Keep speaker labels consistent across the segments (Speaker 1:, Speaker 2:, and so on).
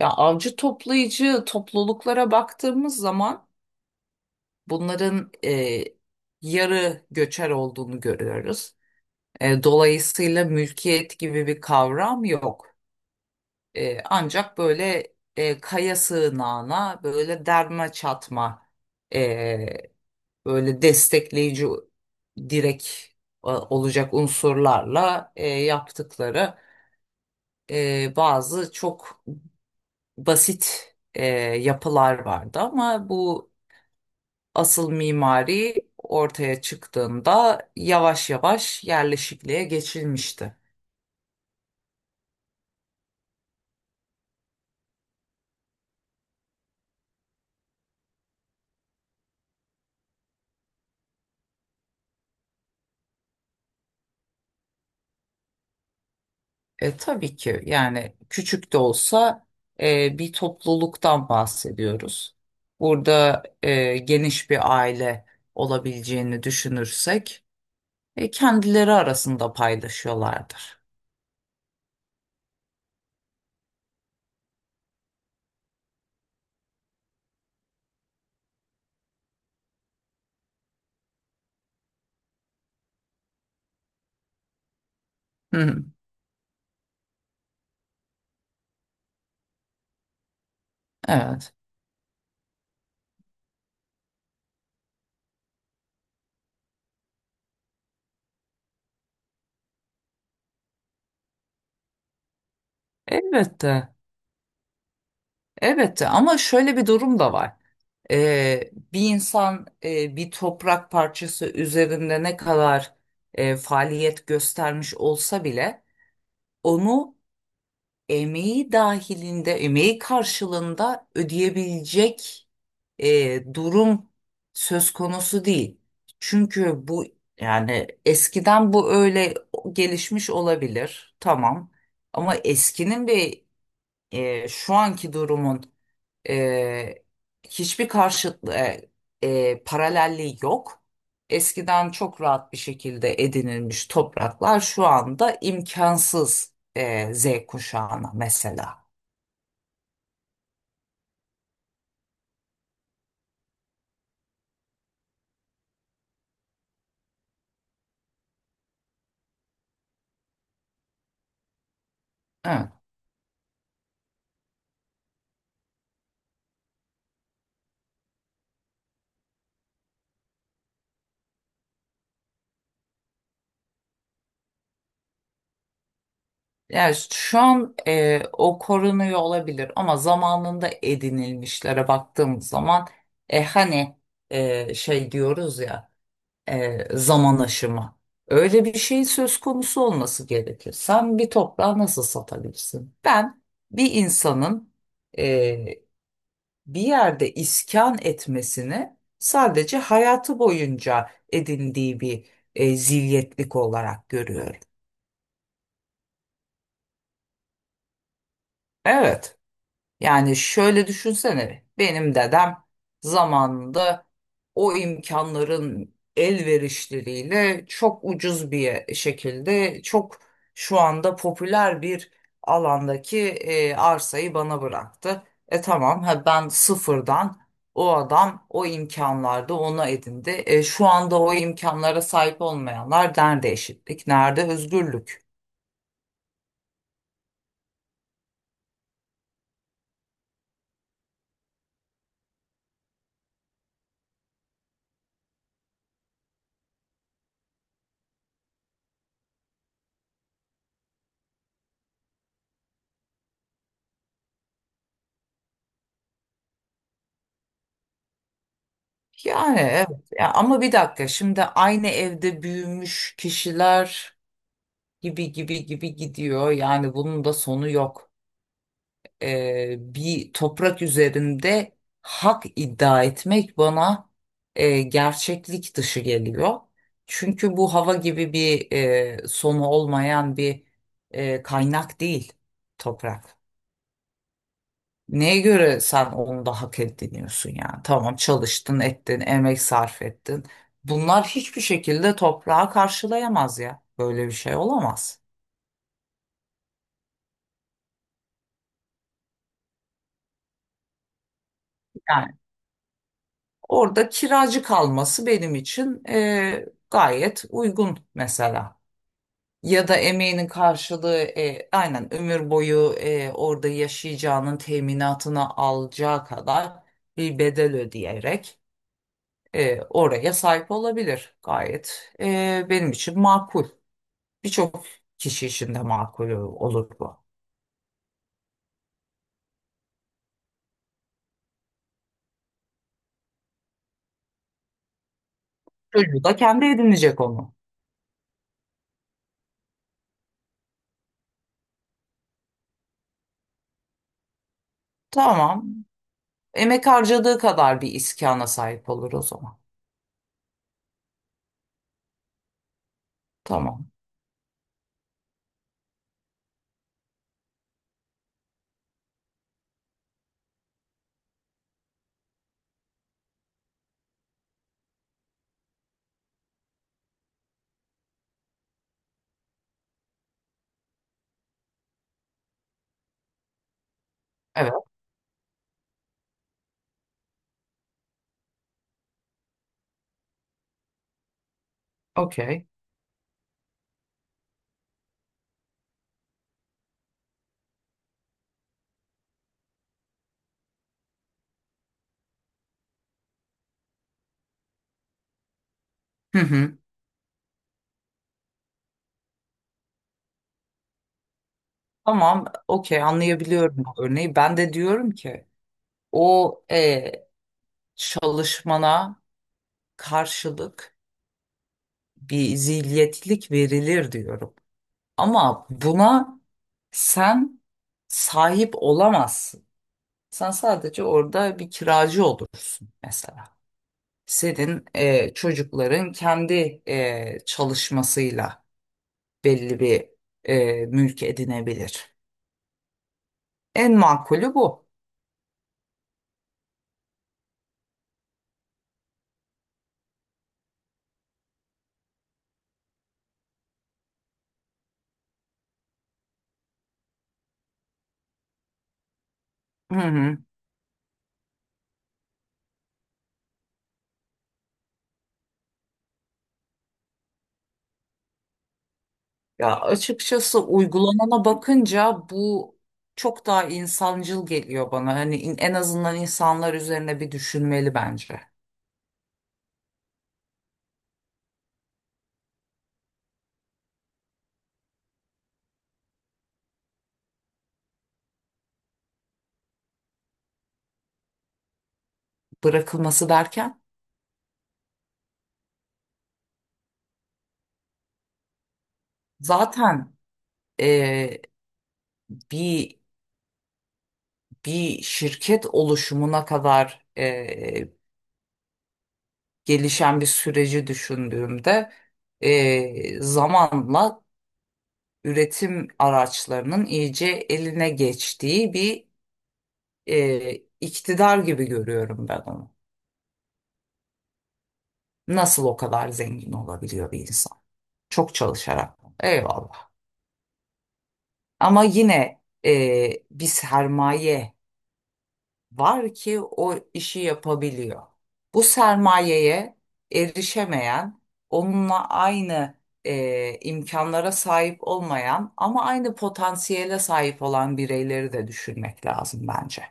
Speaker 1: Ya avcı toplayıcı topluluklara baktığımız zaman bunların yarı göçer olduğunu görüyoruz. Dolayısıyla mülkiyet gibi bir kavram yok. Ancak böyle kaya sığınağına böyle derme çatma e, böyle destekleyici direk olacak unsurlarla yaptıkları bazı çok basit yapılar vardı ama bu asıl mimari ortaya çıktığında yavaş yavaş yerleşikliğe geçilmişti. Tabii ki yani küçük de olsa bir topluluktan bahsediyoruz. Burada geniş bir aile olabileceğini düşünürsek kendileri arasında paylaşıyorlardır. Hı hı, evet, elbette, elbette, ama şöyle bir durum da var. Bir insan bir toprak parçası üzerinde ne kadar faaliyet göstermiş olsa bile onu emeği dahilinde, emeği karşılığında ödeyebilecek durum söz konusu değil. Çünkü bu yani eskiden bu öyle gelişmiş olabilir, tamam. Ama eskinin ve şu anki durumun ee, hiçbir paralelliği yok. Eskiden çok rahat bir şekilde edinilmiş topraklar şu anda imkansız Z kuşağına mesela. Evet. Yani şu an o korunuyor olabilir ama zamanında edinilmişlere baktığımız zaman hani şey diyoruz ya, zaman aşımı. Öyle bir şey söz konusu olması gerekir. Sen bir toprağı nasıl satabilirsin? Ben bir insanın e, bir yerde iskan etmesini sadece hayatı boyunca edindiği bir zilyetlik olarak görüyorum. Evet. Yani şöyle düşünsene, benim dedem zamanında o imkanların elverişleriyle çok ucuz bir şekilde çok şu anda popüler bir alandaki arsayı bana bıraktı. Tamam, ha ben sıfırdan, o adam o imkanlarda onu edindi. Şu anda o imkanlara sahip olmayanlar nerede eşitlik, nerede özgürlük? Yani evet. Ya, ama bir dakika, şimdi aynı evde büyümüş kişiler gibi gibi gibi gidiyor. Yani bunun da sonu yok. Bir toprak üzerinde hak iddia etmek bana gerçeklik dışı geliyor. Çünkü bu hava gibi bir sonu olmayan bir kaynak değil toprak. Neye göre sen onu da hak ediniyorsun yani? Tamam, çalıştın, ettin, emek sarf ettin. Bunlar hiçbir şekilde toprağa karşılayamaz ya. Böyle bir şey olamaz. Yani orada kiracı kalması benim için gayet uygun mesela. Ya da emeğinin karşılığı, aynen ömür boyu orada yaşayacağının teminatını alacağı kadar bir bedel ödeyerek oraya sahip olabilir. Gayet benim için makul. Birçok kişi için de makul olur bu. Çocuğu da kendi edinecek onu. Tamam. Emek harcadığı kadar bir iskana sahip olur o zaman. Tamam. Evet. Okey. Hı hı. Tamam. Okey. Anlayabiliyorum bu örneği. Ben de diyorum ki o çalışmana karşılık bir zilyetlik verilir diyorum. Ama buna sen sahip olamazsın. Sen sadece orada bir kiracı olursun mesela. Senin çocukların kendi çalışmasıyla belli bir mülk edinebilir. En makulü bu. Hı hı. Ya açıkçası uygulanana bakınca bu çok daha insancıl geliyor bana. Hani en azından insanlar üzerine bir düşünmeli bence. Bırakılması derken zaten e, bir bir şirket oluşumuna kadar gelişen bir süreci düşündüğümde zamanla üretim araçlarının iyice eline geçtiği bir e, iktidar gibi görüyorum ben onu. Nasıl o kadar zengin olabiliyor bir insan? Çok çalışarak. Eyvallah. Ama yine bir sermaye var ki o işi yapabiliyor. Bu sermayeye erişemeyen, onunla aynı imkanlara sahip olmayan ama aynı potansiyele sahip olan bireyleri de düşünmek lazım bence.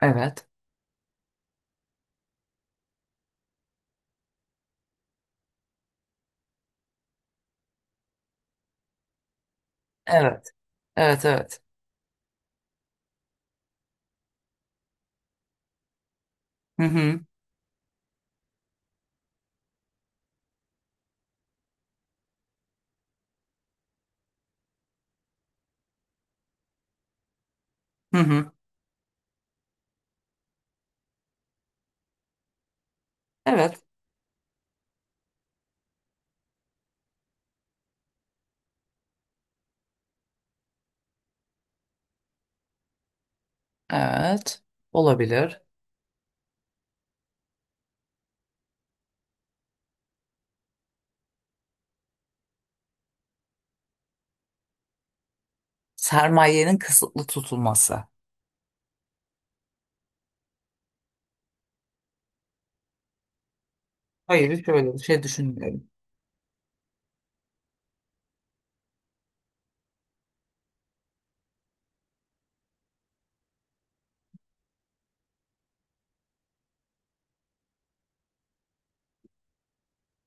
Speaker 1: Evet, evet, evet, evet. Hı hı, hı hı. Evet, evet. Olabilir. Sermayenin kısıtlı tutulması. Hayır, şöyle bir şey düşünmüyorum.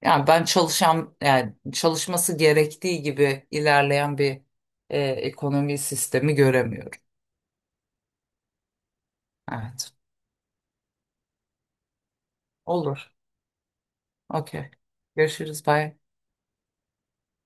Speaker 1: Yani ben çalışan, yani çalışması gerektiği gibi ilerleyen bir ekonomi sistemi göremiyorum. Evet. Olur. Okey. Görüşürüz. Bye.